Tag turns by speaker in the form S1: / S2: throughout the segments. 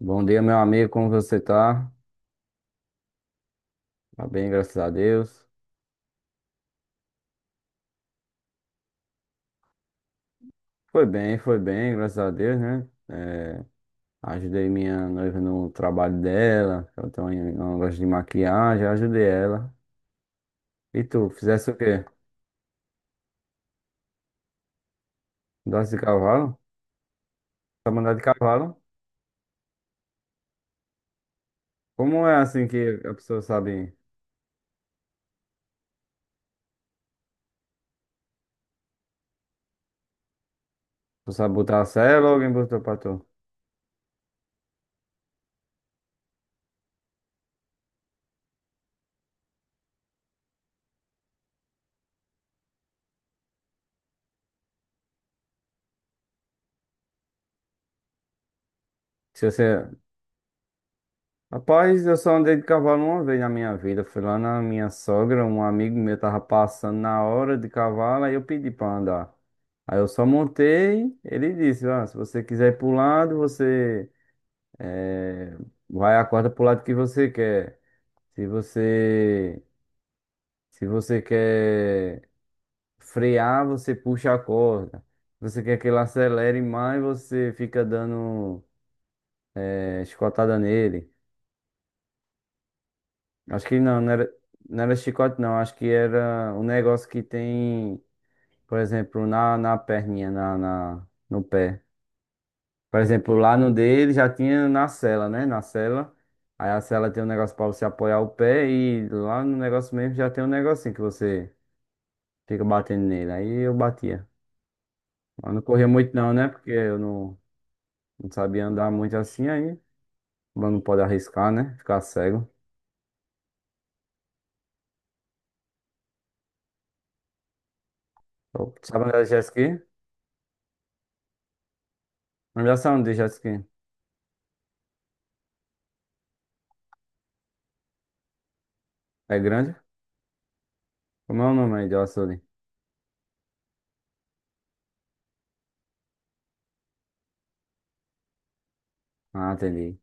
S1: Bom dia, meu amigo, como você tá? Tá bem, graças a Deus. Foi bem, graças a Deus, né? Ajudei minha noiva no trabalho dela, ela tem um negócio de maquiagem, ajudei ela. E tu, fizesse o quê? Doce de cavalo? Tá mandado de cavalo? Como é assim que a pessoa sabe? Tu sabe botar a sela ou alguém botou pra tu? Se você Rapaz, eu só andei de cavalo uma vez na minha vida. Fui lá na minha sogra, um amigo meu tava passando na hora de cavalo, aí eu pedi pra andar. Aí eu só montei, ele disse, ah, se você quiser ir pro lado, eh, vai a corda pro lado que você quer. Se você se você quer frear, você puxa a corda. Se você quer que ele acelere mais, você fica dando escotada nele. Acho que não, não era chicote, não. Acho que era um negócio que tem, por exemplo, na perninha, no pé. Por exemplo, lá no dele já tinha na sela, né? Na sela. Aí a sela tem um negócio pra você apoiar o pé e lá no negócio mesmo já tem um negocinho que você fica batendo nele. Aí eu batia. Mas não corria muito não, né? Porque eu não sabia andar muito assim aí. Mas não pode arriscar, né? Ficar cego. Sabe andar de jet ski? Não já sabe andar de jet ski. É grande? Como é o nome aí do açude? Ah, entendi. Um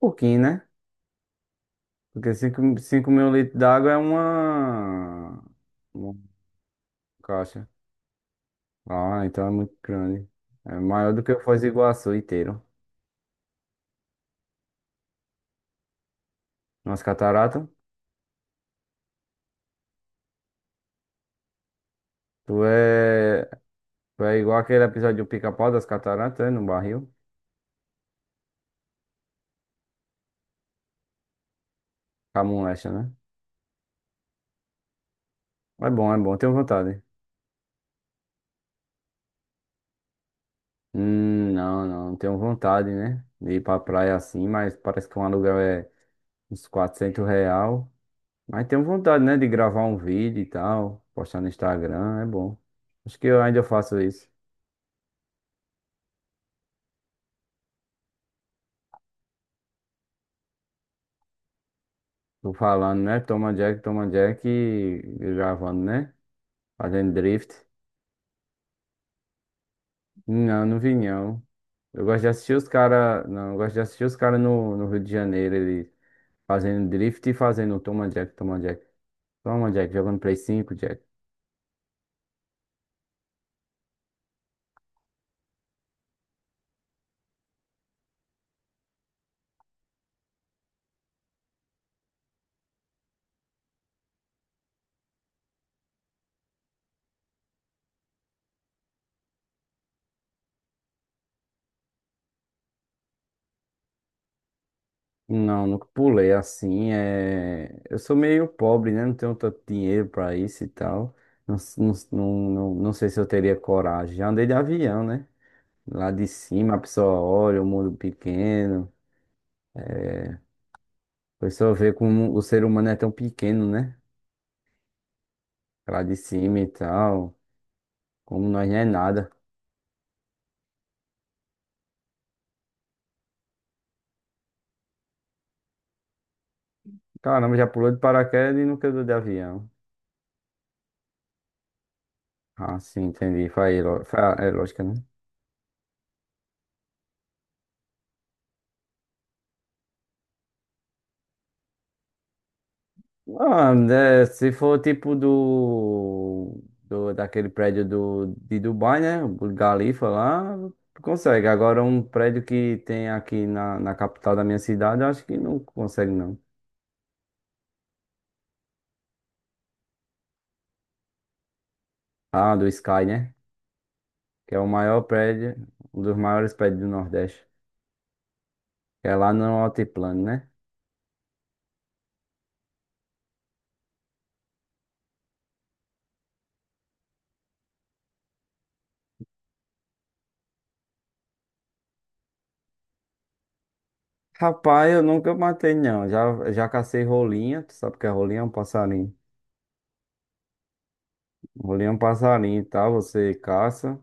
S1: Pouquinho, né? Porque cinco mil litros d'água é uma caixa. Ah, então é muito grande. É maior do que o Foz do Iguaçu inteiro. Nas cataratas. Tu é... tu é igual aquele episódio do Pica-Pau das cataratas, é? No barril. Camulecha, né? É bom, é bom. Tenho vontade. Não, não. Não tenho vontade, né? De ir pra praia assim, mas parece que um aluguel é uns 400 real. Mas tenho vontade, né, de gravar um vídeo e tal, postar no Instagram, é bom. Acho que eu ainda faço isso. Tô falando, né? Toma Jack e gravando, né? Fazendo drift. Não, não vi não. Eu gosto de assistir os caras. Não, eu gosto de assistir os caras no Rio de Janeiro, ele fazendo drift e fazendo toma Jack, toma Jack. Toma Jack, jogando Play 5, Jack. Não, nunca pulei assim. É... Eu sou meio pobre, né? Não tenho tanto dinheiro pra isso e tal. Não sei se eu teria coragem. Já andei de avião, né? Lá de cima a pessoa olha o mundo pequeno. A pessoa vê como o ser humano é tão pequeno, né? Lá de cima e tal. Como nós não é nada. Caramba, já pulou de paraquedas e nunca andou de avião. Ah, sim, entendi. Foi, a ilo- foi a- é lógica, né? Ah, né, se for tipo do daquele prédio de Dubai, né? O Burj Khalifa lá, tu consegue. Agora um prédio que tem aqui na capital da minha cidade, eu acho que não consegue não. Ah, do Sky, né? Que é o maior prédio, um dos maiores prédios do Nordeste. Que é lá no Altiplano, né? Rapaz, eu nunca matei não. Já cacei rolinha, tu sabe o que é rolinha? É um passarinho. Rolinha é um passarinho, tá? Você caça.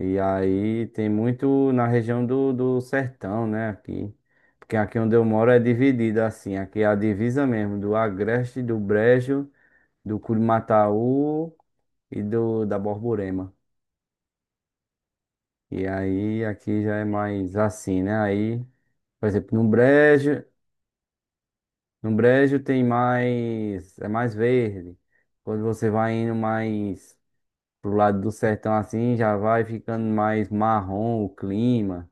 S1: E aí tem muito na região do sertão, né? Aqui. Porque aqui onde eu moro é dividida assim. Aqui é a divisa mesmo, do Agreste, do Brejo, do Curimataú e do da Borborema. E aí aqui já é mais assim, né? Aí, por exemplo, no Brejo tem mais, é mais verde. Quando você vai indo mais pro lado do sertão assim, já vai ficando mais marrom o clima.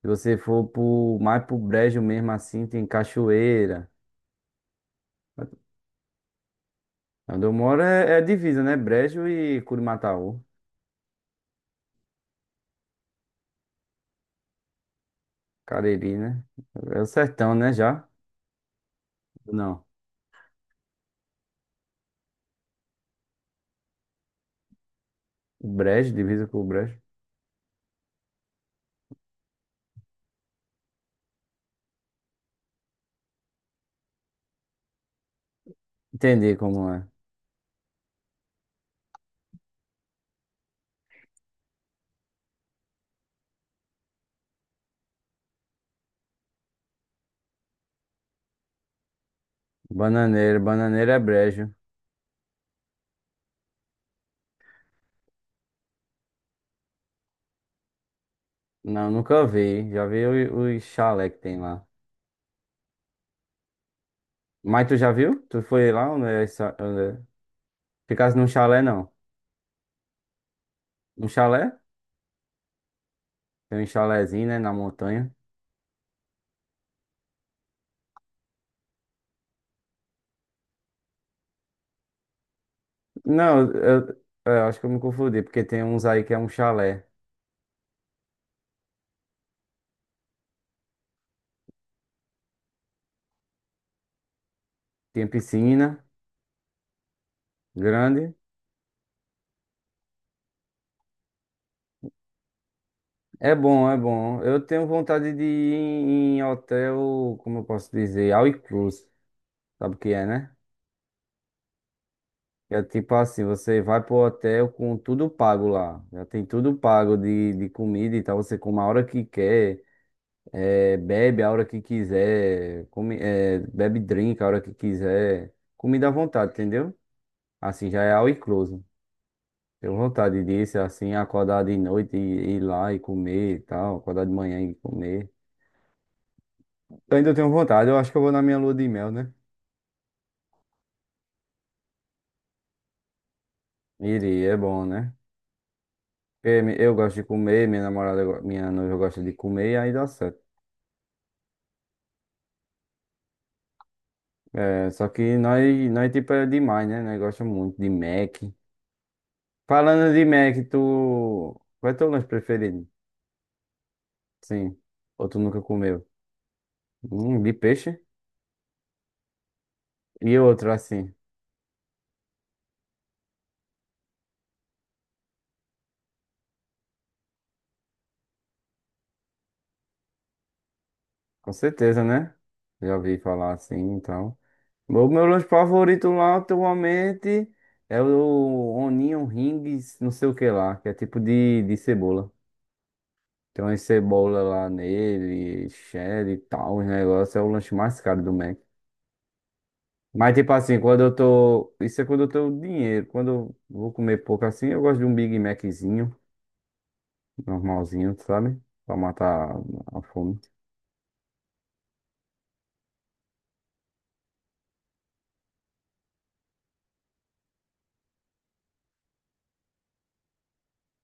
S1: Se você for pro, mais pro Brejo mesmo assim, tem Cachoeira. Onde eu moro é, é divisa, né? Brejo e Curimataú. Cariri, né? É o sertão, né? Já? Não. O Brejo, divisa com o Brejo. Entendi como é. Bananeira bananeira é Brejo. Não, nunca vi. Já vi o- os chalé que tem lá. Mas tu já viu? Tu foi lá onde é essa- onde é? Ficasse num chalé, não. Num chalé? Tem um chalézinho, né? Na montanha. Não, eu acho que eu me confundi, porque tem uns aí que é um chalé. Tem piscina grande. É bom, é bom. Eu tenho vontade de ir em hotel, como eu posso dizer, all inclusive. Sabe o que é, né? É tipo assim, você vai pro hotel com tudo pago lá. Já tem tudo pago de comida e tal. Você come a hora que quer, bebe a hora que quiser, come, bebe drink a hora que quiser. Comida à vontade, entendeu? Assim, já é all inclusive. Tenho vontade disso, assim, acordar de noite e ir lá e comer e tal, acordar de manhã e comer. Eu ainda tenho vontade, eu acho que eu vou na minha lua de mel, né? Iria, é bom, né? Porque mi- eu gosto de comer, minha namorada, go- minha noiva gosta de comer e aí dá certo. É, só que nós tipo, é demais, né? Nós gostamos muito de Mac. Falando de Mac, tu... Qual é teu lanche preferido? Sim. Ou tu nunca comeu? De peixe? E outro, assim? Com certeza, né? Já ouvi falar assim, então... O meu lanche favorito lá atualmente é o Onion Rings, não sei o que lá, que é tipo de cebola. Tem uma cebola lá nele, cheddar e tal, os negócios. É o lanche mais caro do Mac. Mas tipo assim, quando eu tô. Isso é quando eu tenho dinheiro. Quando eu vou comer pouco assim, eu gosto de um Big Maczinho, normalzinho, sabe? Pra matar a fome.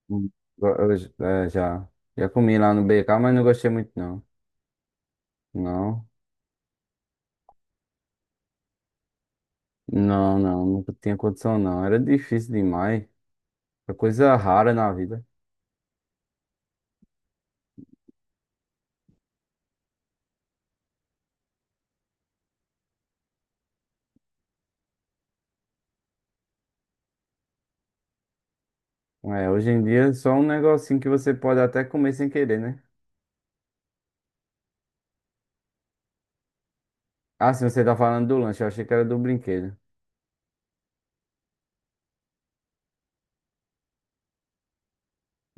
S1: Hum. Eu, eu, é, já, já comi lá no BK, mas não gostei muito não. Não. Não, não, nunca tinha condição não. Era difícil demais. É coisa rara na vida. É, hoje em dia é só um negocinho que você pode até comer sem querer, né? Ah, se você tá falando do lanche, eu achei que era do brinquedo.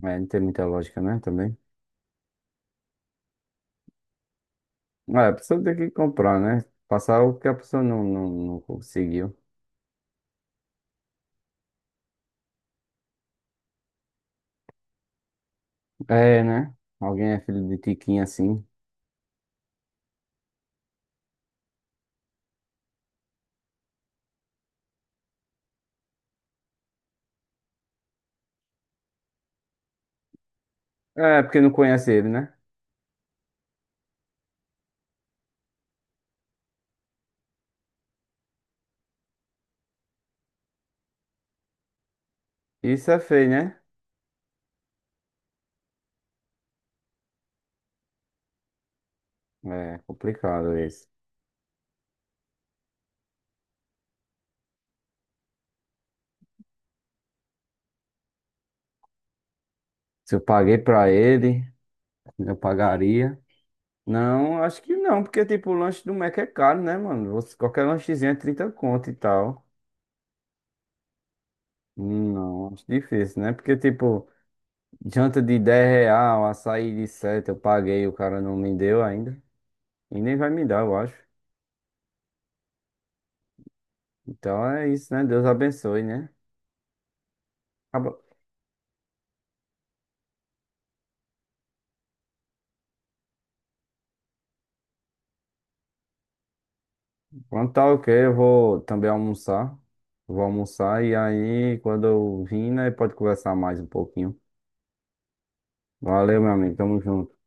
S1: É, não tem muita lógica, né? Também. É, a pessoa tem que comprar, né? Passar o que a pessoa não conseguiu. É, né? Alguém é filho de Tiquinho assim. É, porque não conhece ele, né? Isso é feio, né? É complicado isso. Se eu paguei pra ele, eu pagaria. Não, acho que não, porque tipo, o lanche do Mac é caro, né, mano? Você- qualquer lanchezinho é 30 conto e tal. Não, acho difícil, né? Porque tipo, janta de 10 real, açaí de 7, eu paguei, o cara não me deu ainda. E nem vai me dar, eu acho. Então é isso, né? Deus abençoe, né? Acaba- Quando tá ok, eu vou também almoçar. Vou almoçar e aí, quando eu vim, né, pode conversar mais um pouquinho. Valeu, meu amigo. Tamo junto.